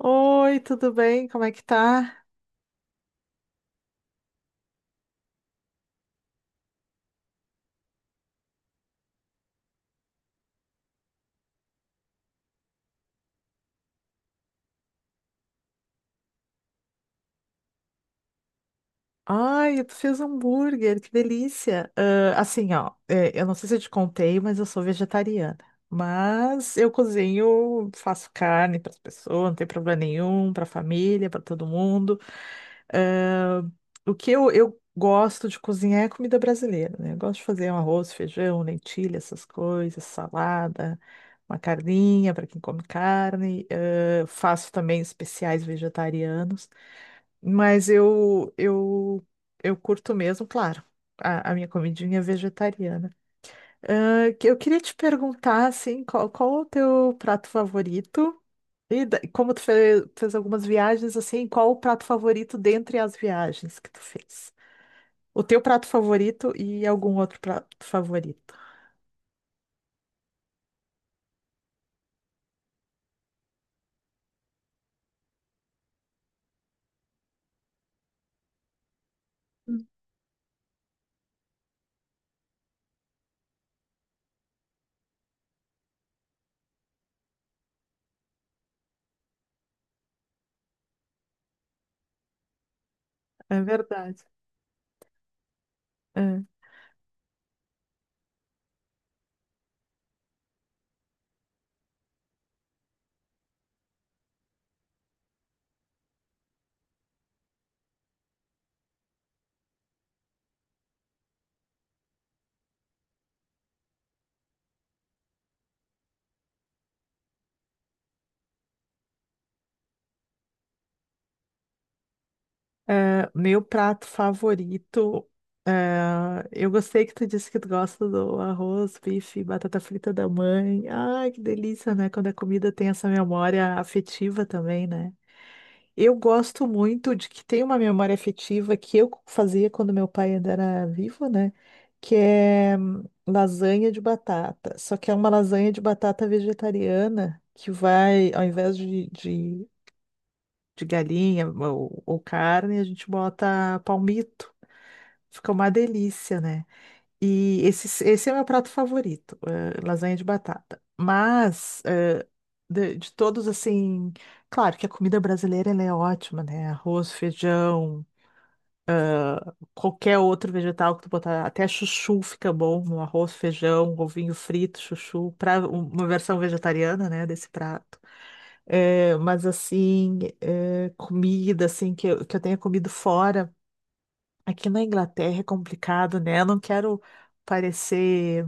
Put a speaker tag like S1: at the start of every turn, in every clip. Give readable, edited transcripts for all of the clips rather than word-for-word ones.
S1: Oi, tudo bem? Como é que tá? Ai, tu fez hambúrguer, que delícia! Ah, assim, ó, é, eu não sei se eu te contei, mas eu sou vegetariana. Mas eu cozinho, faço carne para as pessoas, não tem problema nenhum, para a família, para todo mundo. O que eu gosto de cozinhar é comida brasileira, né? Eu gosto de fazer um arroz, feijão, lentilha, essas coisas, salada, uma carninha para quem come carne. Faço também especiais vegetarianos, mas eu curto mesmo, claro, a minha comidinha vegetariana. Ah, que eu queria te perguntar, assim, qual o teu prato favorito? E como tu fez, fez algumas viagens, assim, qual o prato favorito dentre as viagens que tu fez? O teu prato favorito e algum outro prato favorito? Hum. É verdade. É. É, meu prato favorito. É, eu gostei que tu disse que tu gosta do arroz, bife, batata frita da mãe. Ai, que delícia, né? Quando a comida tem essa memória afetiva também, né? Eu gosto muito de que tem uma memória afetiva que eu fazia quando meu pai ainda era vivo, né? Que é lasanha de batata. Só que é uma lasanha de batata vegetariana que vai, ao invés de galinha ou carne, a gente bota palmito. Fica uma delícia, né? E esse é o meu prato favorito, lasanha de batata. Mas, de todos, assim, claro que a comida brasileira ela é ótima, né? Arroz, feijão, qualquer outro vegetal que tu botar, até chuchu fica bom no arroz, feijão, um ovinho frito, chuchu, para uma versão vegetariana, né, desse prato. Mas, assim, comida, assim, que eu tenha comido fora, aqui na Inglaterra é complicado, né? Eu não quero parecer.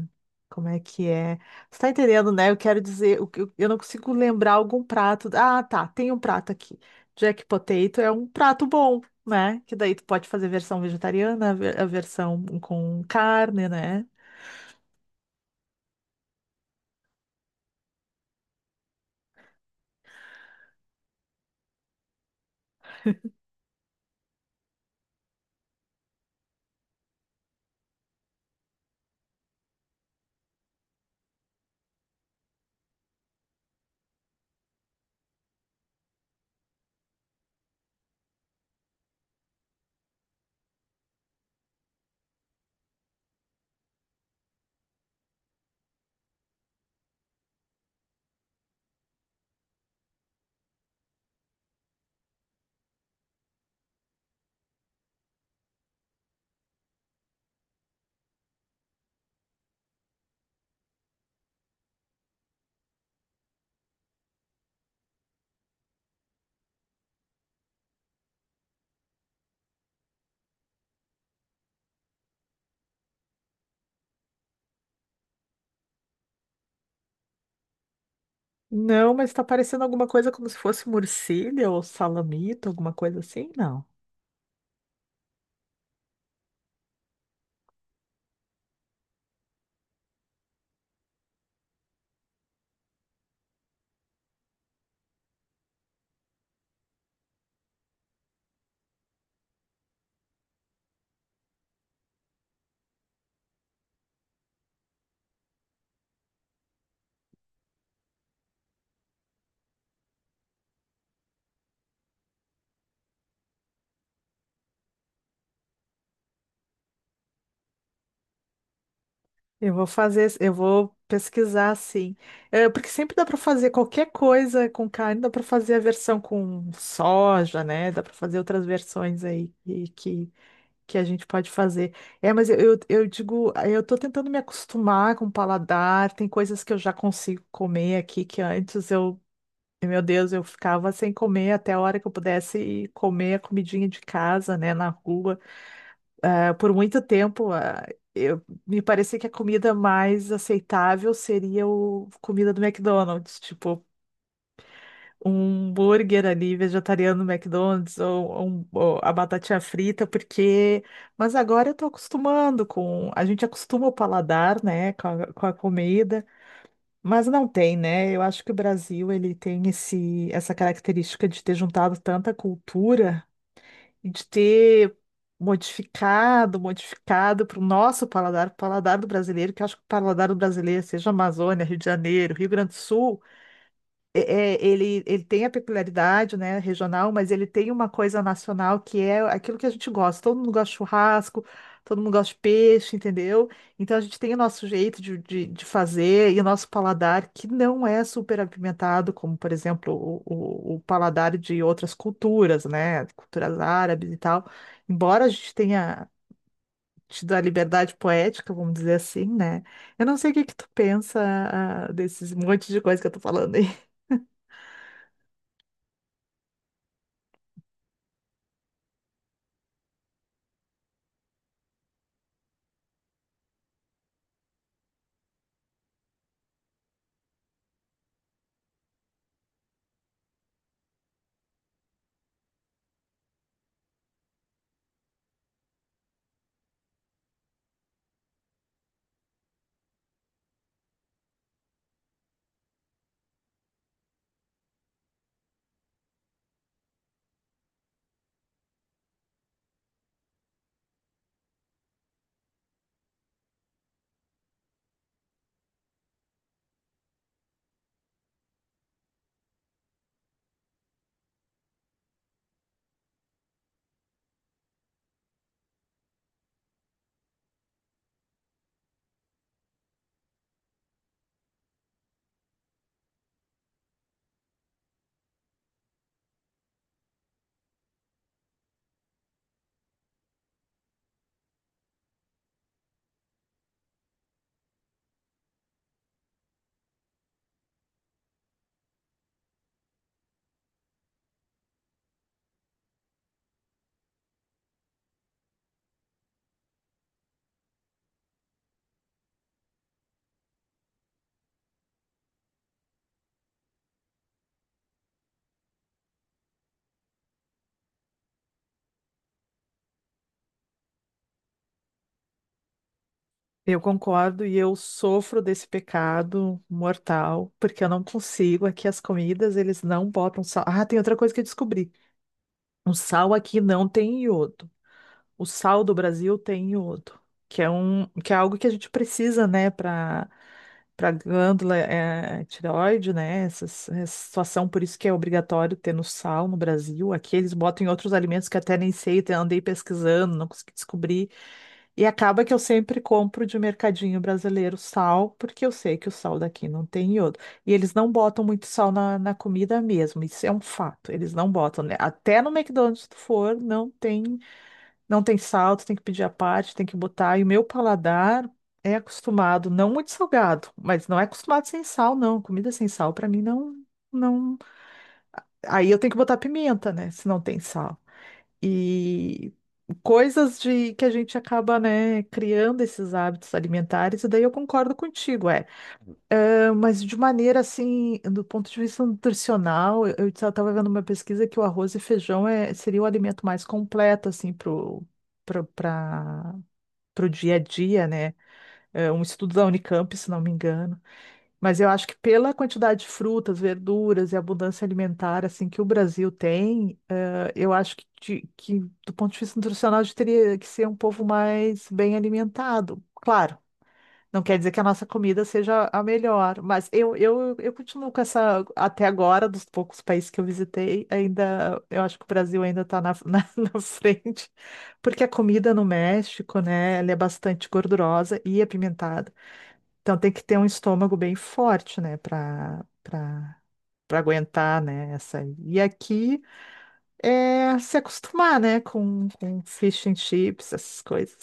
S1: Como é que é? Você tá entendendo, né? Eu quero dizer, o que eu não consigo lembrar algum prato. Ah, tá, tem um prato aqui. Jack Potato é um prato bom, né? Que daí tu pode fazer versão vegetariana, a versão com carne, né? Não, mas tá parecendo alguma coisa como se fosse morcilha ou salamito, alguma coisa assim? Não. Eu vou fazer, eu vou pesquisar assim. É, porque sempre dá para fazer qualquer coisa com carne, dá para fazer a versão com soja, né? Dá para fazer outras versões aí que a gente pode fazer. É, mas eu digo, eu tô tentando me acostumar com o paladar, tem coisas que eu já consigo comer aqui que antes eu, meu Deus, eu ficava sem comer até a hora que eu pudesse comer a comidinha de casa, né, na rua. Ah, por muito tempo, eu, me parecia que a comida mais aceitável seria o comida do McDonald's, tipo, um burger ali vegetariano no McDonald's ou ou a batatinha frita, porque. Mas agora eu tô acostumando com. A gente acostuma o paladar, né, com com a comida, mas não tem, né? Eu acho que o Brasil ele tem essa característica de ter juntado tanta cultura e de ter. Modificado, modificado para o nosso paladar, o paladar do brasileiro, que eu acho que o paladar do brasileiro, seja Amazônia, Rio de Janeiro, Rio Grande do Sul, ele tem a peculiaridade, né, regional, mas ele tem uma coisa nacional que é aquilo que a gente gosta. Todo mundo gosta de churrasco, todo mundo gosta de peixe, entendeu? Então a gente tem o nosso jeito de fazer e o nosso paladar que não é super apimentado, como, por exemplo, o paladar de outras culturas, né, culturas árabes e tal. Embora a gente tenha tido a liberdade poética, vamos dizer assim, né? Eu não sei o que que tu pensa, ah, desses monte de coisa que eu tô falando aí. Eu concordo e eu sofro desse pecado mortal, porque eu não consigo. Aqui as comidas, eles não botam sal. Ah, tem outra coisa que eu descobri. O sal aqui não tem iodo, o sal do Brasil tem iodo, que é um, que é algo que a gente precisa, né, para glândula é, tireoide, né? Essa situação, por isso que é obrigatório ter no sal no Brasil. Aqui eles botam em outros alimentos que até nem sei, até andei pesquisando, não consegui descobrir. E acaba que eu sempre compro de mercadinho brasileiro sal, porque eu sei que o sal daqui não tem iodo. E eles não botam muito sal na comida mesmo, isso é um fato. Eles não botam, né? Até no McDonald's, se tu for, não tem. Não tem salto, tem que pedir à parte, tem que botar. E o meu paladar é acostumado, não muito salgado, mas não é acostumado sem sal, não. Comida sem sal, pra mim, não, não. Aí eu tenho que botar pimenta, né? Se não tem sal. E coisas de que a gente acaba, né, criando esses hábitos alimentares, e daí eu concordo contigo, é. Ah, mas de maneira assim, do ponto de vista nutricional, eu estava vendo uma pesquisa que o arroz e feijão é, seria o alimento mais completo, assim, pro. Para o dia a dia, né? É um estudo da Unicamp, se não me engano. Mas eu acho que pela quantidade de frutas, verduras e abundância alimentar assim que o Brasil tem, eu acho que, que do ponto de vista nutricional a gente teria que ser um povo mais bem alimentado. Claro, não quer dizer que a nossa comida seja a melhor, mas eu continuo com essa, até agora, dos poucos países que eu visitei, ainda, eu acho que o Brasil ainda está na, na frente, porque a comida no México, né, ela é bastante gordurosa e apimentada, então tem que ter um estômago bem forte, né, para aguentar, né, essa. E aqui é se acostumar, né, com fish and chips, essas coisas.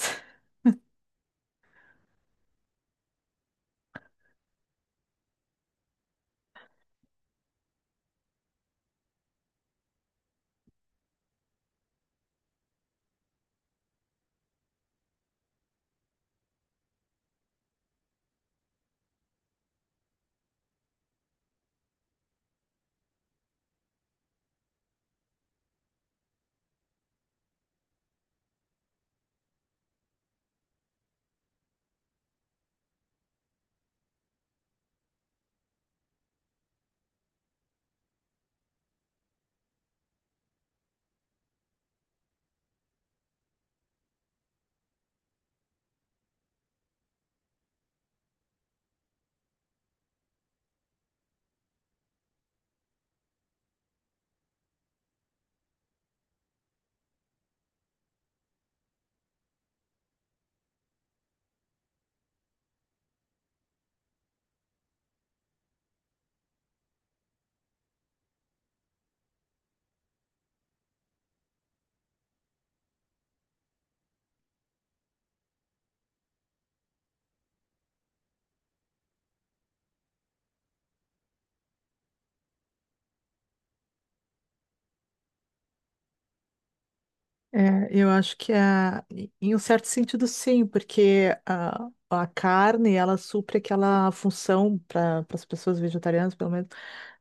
S1: É, eu acho que a, em um certo sentido sim, porque a carne ela supre aquela função para as pessoas vegetarianas, pelo menos,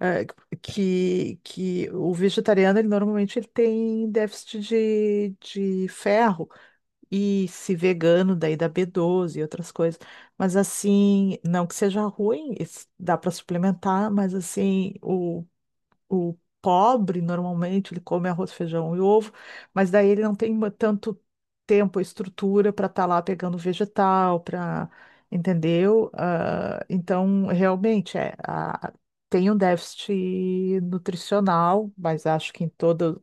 S1: eh, que o vegetariano ele normalmente ele tem déficit de ferro e se vegano daí dá B12 e outras coisas. Mas assim, não que seja ruim, isso dá para suplementar, mas assim o pobre, normalmente, ele come arroz, feijão e ovo, mas daí ele não tem tanto tempo, estrutura para estar lá pegando vegetal, para, entendeu? Ah, então, realmente, é, tem um déficit nutricional, mas acho que em todo,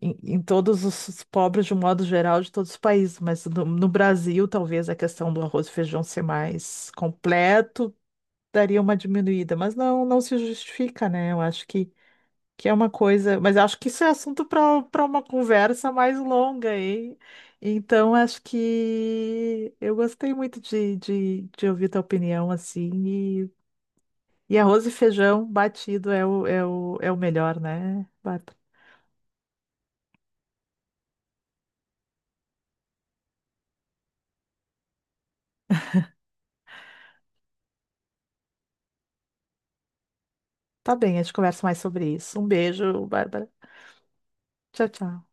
S1: em todos os pobres, de um modo geral, de todos os países, mas no Brasil, talvez a questão do arroz e feijão ser mais completo daria uma diminuída, mas não, não se justifica, né? Eu acho que é uma coisa, mas acho que isso é assunto para uma conversa mais longa, hein? Então, acho que eu gostei muito de ouvir tua opinião, assim, e, e arroz e feijão batido é é o melhor, né, Bárbara? Tá bem, a gente conversa mais sobre isso. Um beijo, Bárbara. Tchau, tchau.